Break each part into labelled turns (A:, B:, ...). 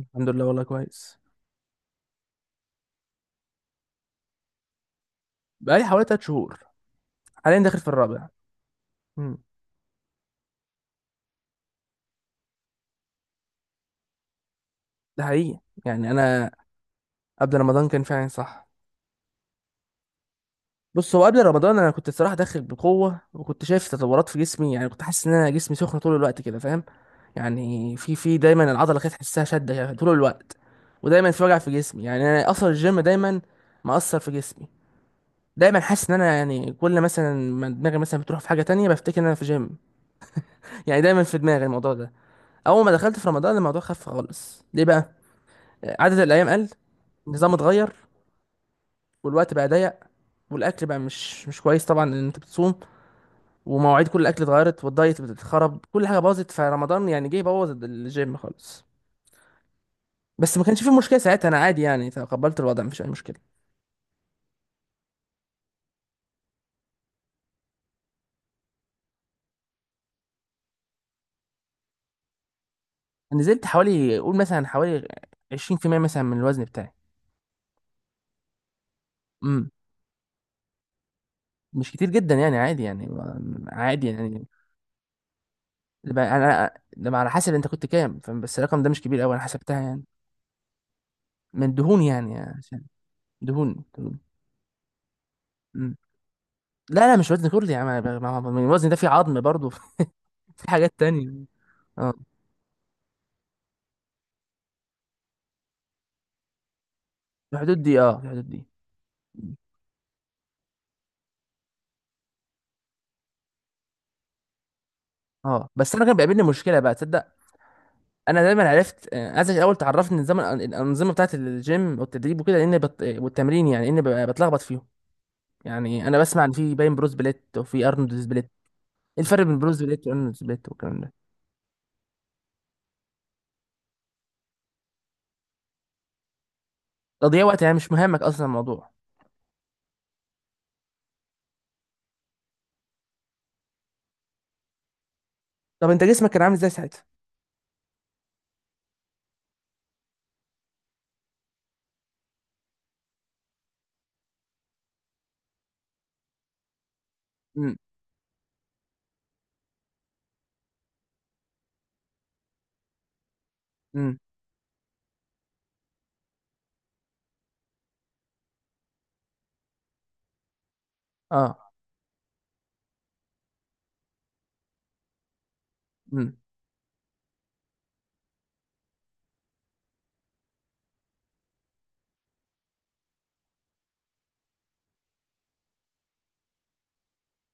A: الحمد لله، والله كويس. بقالي حوالي 3 شهور، حاليا داخل في الرابع. امم. ده حقيقي، يعني انا قبل رمضان كان فعلا صح. بص، هو قبل رمضان انا كنت الصراحه داخل بقوه، وكنت شايف تطورات في جسمي. يعني كنت حاسس ان انا جسمي سخن طول الوقت كده، فاهم؟ يعني في دايما العضله كانت تحسها شده يعني طول الوقت. ودايما في وجع في جسمي. يعني انا اصلا الجيم دايما مأثر في جسمي. دايما حاسس ان انا يعني كل مثلا ما دماغي مثلا بتروح في حاجه تانية بفتكر ان انا في جيم. يعني دايما في دماغي الموضوع ده. اول ما دخلت في رمضان الموضوع خف خالص. ليه بقى؟ عدد الايام قل، النظام اتغير، والوقت بقى ضيق، والاكل بقى مش كويس طبعا، ان انت بتصوم. ومواعيد كل الاكل اتغيرت، والدايت اتخرب، كل حاجه باظت فرمضان. يعني جه بوظ الجيم خالص. بس ما كانش فيه مشكله ساعتها، انا عادي يعني، تقبلت الوضع، مفيش اي مشكله. نزلت حوالي، قول مثلا حوالي 20% مثلا من الوزن بتاعي. امم. مش كتير جدا يعني، عادي يعني، عادي يعني. يبقى انا لما على حسب انت كنت كام، فاهم؟ بس الرقم ده مش كبير قوي، انا حسبتها يعني. من دهون يعني عشان. دهون. دهون. امم. لا لا، مش وزن كرسي يا عم، الوزن ده فيه عظم برضه في حاجات تانية. اه، في الحدود دي. اه، في الحدود دي. اه بس انا كان بيقابلني مشكله بقى، تصدق؟ انا دايما عرفت. عايزك الاول تعرفني نظام الانظمه بتاعت الجيم والتدريب وكده. لان والتمرين، يعني ان بتلخبط فيهم. يعني انا بسمع ان في باين بروس بليت وفي ارنولد سبليت. ايه الفرق بين بروس بليت وارنولد سبليت والكلام ده؟ تضييع وقت يعني مش مهمك اصلا الموضوع؟ طب انت جسمك كان عامل ازاي ساعتها؟ امم. امم. اه. امم.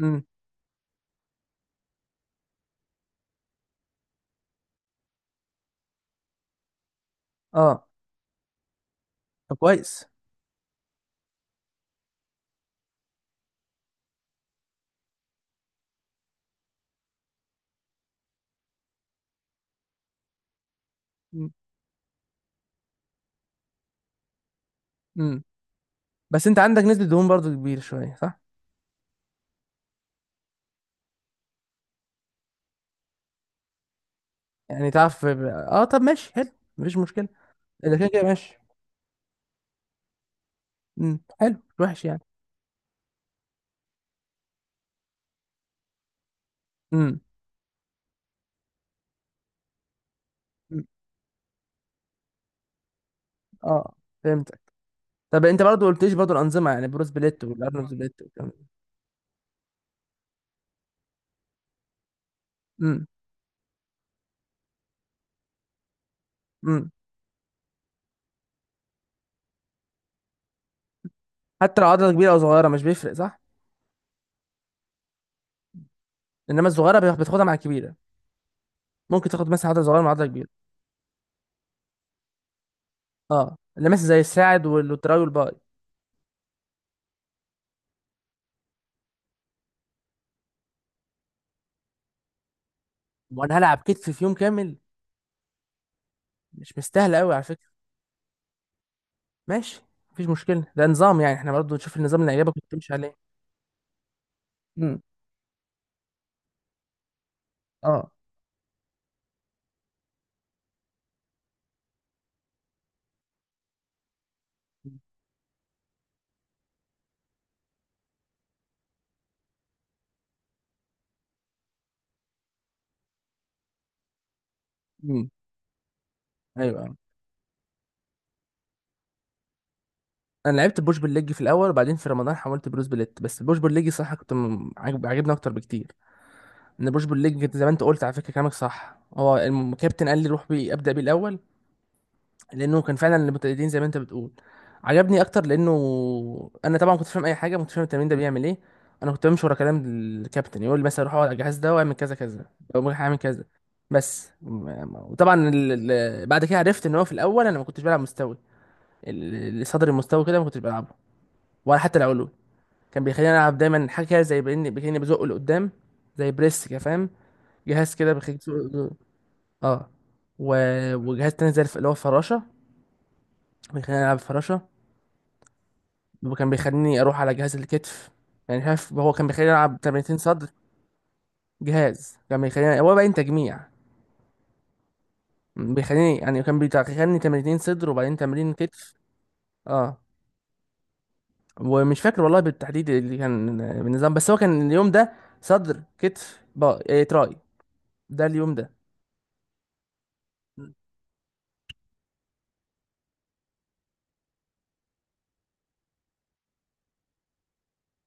A: امم. اه. طب كويس. امم. امم. بس انت عندك نسبة دهون برضو كبيرة شوية، صح؟ يعني تعرف. اه، طب ماشي حلو، مفيش مشكلة. اذا كده كده ماشي. امم، حلو مش وحش يعني. امم. أمم. اه، فهمتك. طب انت برضو قلتليش برضو الانظمة، يعني بروس بليت والارنولد بليت والكلام ده. امم. امم. حتى لو عضلة كبيرة او صغيرة مش بيفرق، صح؟ انما الصغيرة بتاخدها مع الكبيرة. ممكن تاخد مثلا عضلة صغيرة مع عضلة كبيرة. اه، اللي مثلا زي الساعد والتراي والباي. وانا هلعب كتف في يوم كامل؟ مش مستاهلة قوي على فكرة. ماشي، مفيش مشكلة. ده نظام يعني، احنا برضو نشوف النظام اللي يعجبك وتمشي عليه. اه. امم. ايوه. انا لعبت بوش بالليج في الاول، وبعدين في رمضان حولت بروس بليت. بس بوش بالليج صح، كنت عاجبني اكتر بكتير. ان بوش بالليج كنت زي ما انت قلت على فكره، كلامك صح. هو الكابتن قال لي روح بيه، ابدا بيه الاول. لانه كان فعلا المبتدئين زي ما انت بتقول، عجبني اكتر. لانه انا طبعا كنت فاهم اي حاجه، كنت فاهم التمرين ده بيعمل ايه. انا كنت بمشي ورا كلام الكابتن، يقول لي مثلا روح اقعد على الجهاز ده واعمل كذا كذا. او هعمل كذا. بس وطبعا بعد كده عرفت ان هو في الاول انا ما كنتش بلعب مستوي. صدر المستوى كده ما كنتش بلعبه، ولا حتى العلوي. كان بيخليني العب دايما حاجه كده زي باني، بيخليني بزقه لقدام، زي بريس كده، فاهم؟ جهاز كده اه. و... وجهاز تاني زي اللي هو الفراشه، بيخليني العب فراشه. وكان بيخليني اروح على جهاز الكتف. يعني شايف، هو كان بيخليني العب تمرينتين صدر. جهاز كان بيخليني، هو باين تجميع. بيخليني يعني كان بيخليني تمرينتين صدر وبعدين تمرين كتف. اه. ومش فاكر والله بالتحديد اللي كان بالنظام. بس هو كان اليوم ده صدر، كتف، با إيه، تراي. ده اليوم ده.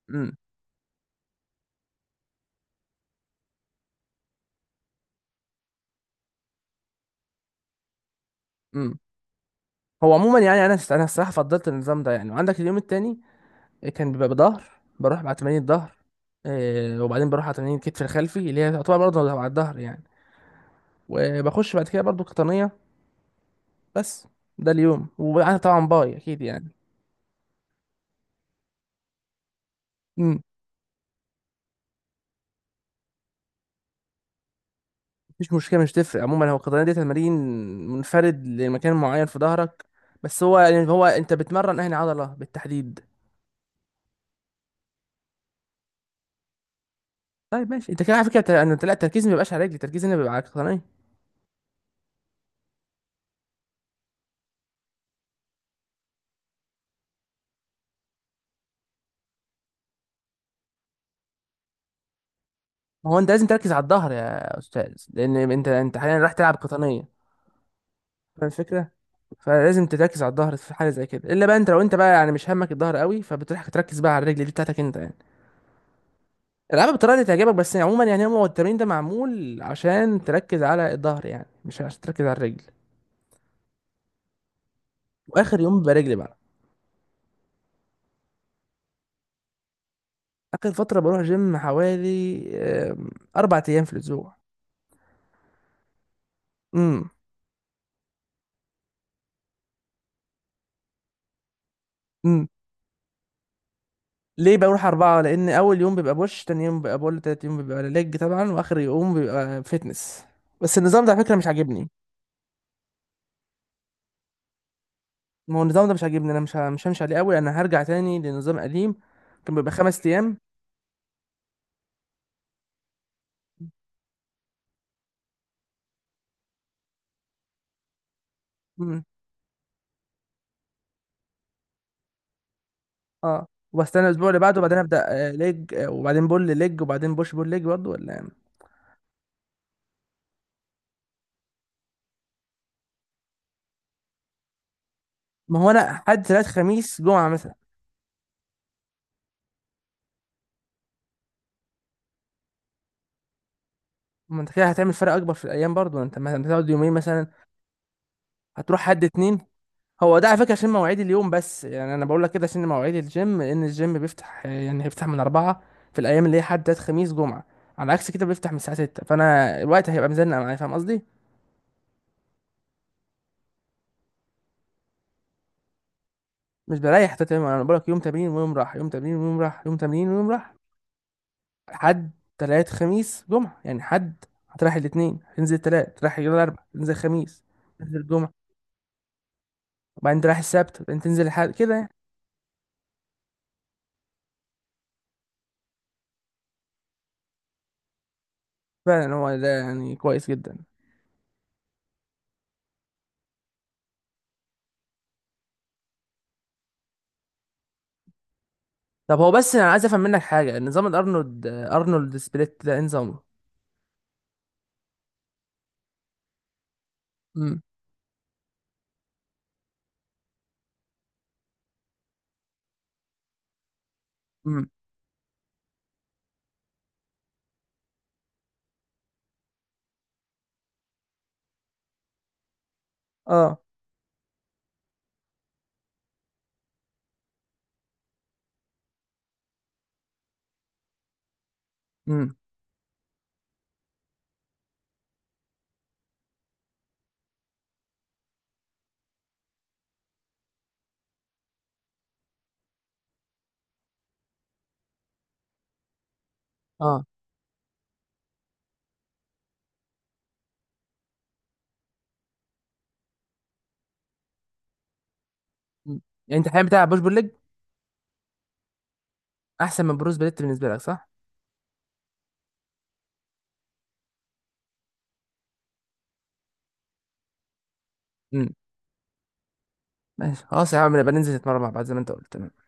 A: امم. امم. هو عموما يعني انا انا الصراحه فضلت النظام ده يعني. وعندك اليوم التاني كان بيبقى بظهر، بروح مع تمارين الظهر. وبعدين بروح على تمارين الكتف الخلفي اللي هي تعتبر برضه على الظهر يعني. وبخش بعد كده برضه قطنيه. بس ده اليوم. وطبعا باي اكيد يعني. مش مشكلة، مش تفرق عموما. هو القطنية دي تمارين منفرد لمكان معين في ظهرك. بس هو يعني هو انت بتمرن اهني عضلة بالتحديد. طيب ماشي، انت كده على فكرة، انا لا، التركيز ما بيبقاش على رجلي، التركيز هنا بيبقى على القطنية. ما هو انت لازم تركز على الظهر يا استاذ، لان انت انت حاليا رايح تلعب قطنية. فاهم الفكرة؟ فلازم تركز على الظهر في حاجة زي كده. الا بقى انت، لو انت بقى يعني مش همك الظهر قوي، فبتروح تركز بقى على الرجل دي بتاعتك انت يعني. العبها بالطريقة اللي تعجبك. بس يعني عموما يعني، هو التمرين ده معمول عشان تركز على الظهر، يعني مش عشان تركز على الرجل. واخر يوم بيبقى رجلي بقى. اخر فتره بروح جيم حوالي، آم، 4 ايام في الاسبوع. امم. امم. ليه بروح اربعه؟ لان اول يوم بيبقى بوش، تاني يوم بيبقى بول، تالت يوم بيبقى ليج طبعا، واخر يوم بيبقى فتنس. بس النظام ده على فكره مش عاجبني. ما هو النظام ده مش عاجبني، انا مش همشي عليه قوي. انا هرجع تاني لنظام قديم كان بيبقى 5 ايام. امم. اه. وبستنى الاسبوع اللي بعده وبعدين ابدا ليج، وبعدين بول ليج، وبعدين بوش بول ليج برضه، ولا إيه؟ ما هو انا حد ثلاث خميس جمعه مثلا. ما انت كده هتعمل فرق اكبر في الايام برضو، انت مثلا هتقعد يومين مثلا، هتروح حد اتنين. هو ده على فكره عشان مواعيد اليوم. بس يعني انا بقول لك كده عشان مواعيد الجيم، لان الجيم بيفتح يعني بيفتح من اربعة في الايام اللي هي حد تلات خميس جمعه. على عكس كده بيفتح من الساعه ستة، فانا الوقت هيبقى مزنق معايا، فاهم قصدي؟ مش بريح، تمام. انا بقول لك يوم تمرين ويوم راح، يوم تمرين ويوم راح، يوم تمرين ويوم راح. حد، تلات، خميس، جمعه يعني. حد، هتروح الاثنين، تنزل تلات، تروح الاربع، تنزل خميس، تنزل جمعه، وبعدين تروح السبت وبعدين تنزل الحد كده يعني. فعلا هو ده يعني كويس جدا. طب هو بس انا عايز افهم منك حاجه، نظام الارنولد، ارنولد سبليت ده إيه نظامه؟ امم. امم. اه. امم. اه. مم. يعني انت الحين بتاع بوش بول ليج، احسن من بروس بليت بالنسبه لك صح؟ امم. ماشي، خلاص يا عم نبقى ننزل نتمرن مع بعض زي ما انت قلت، تمام.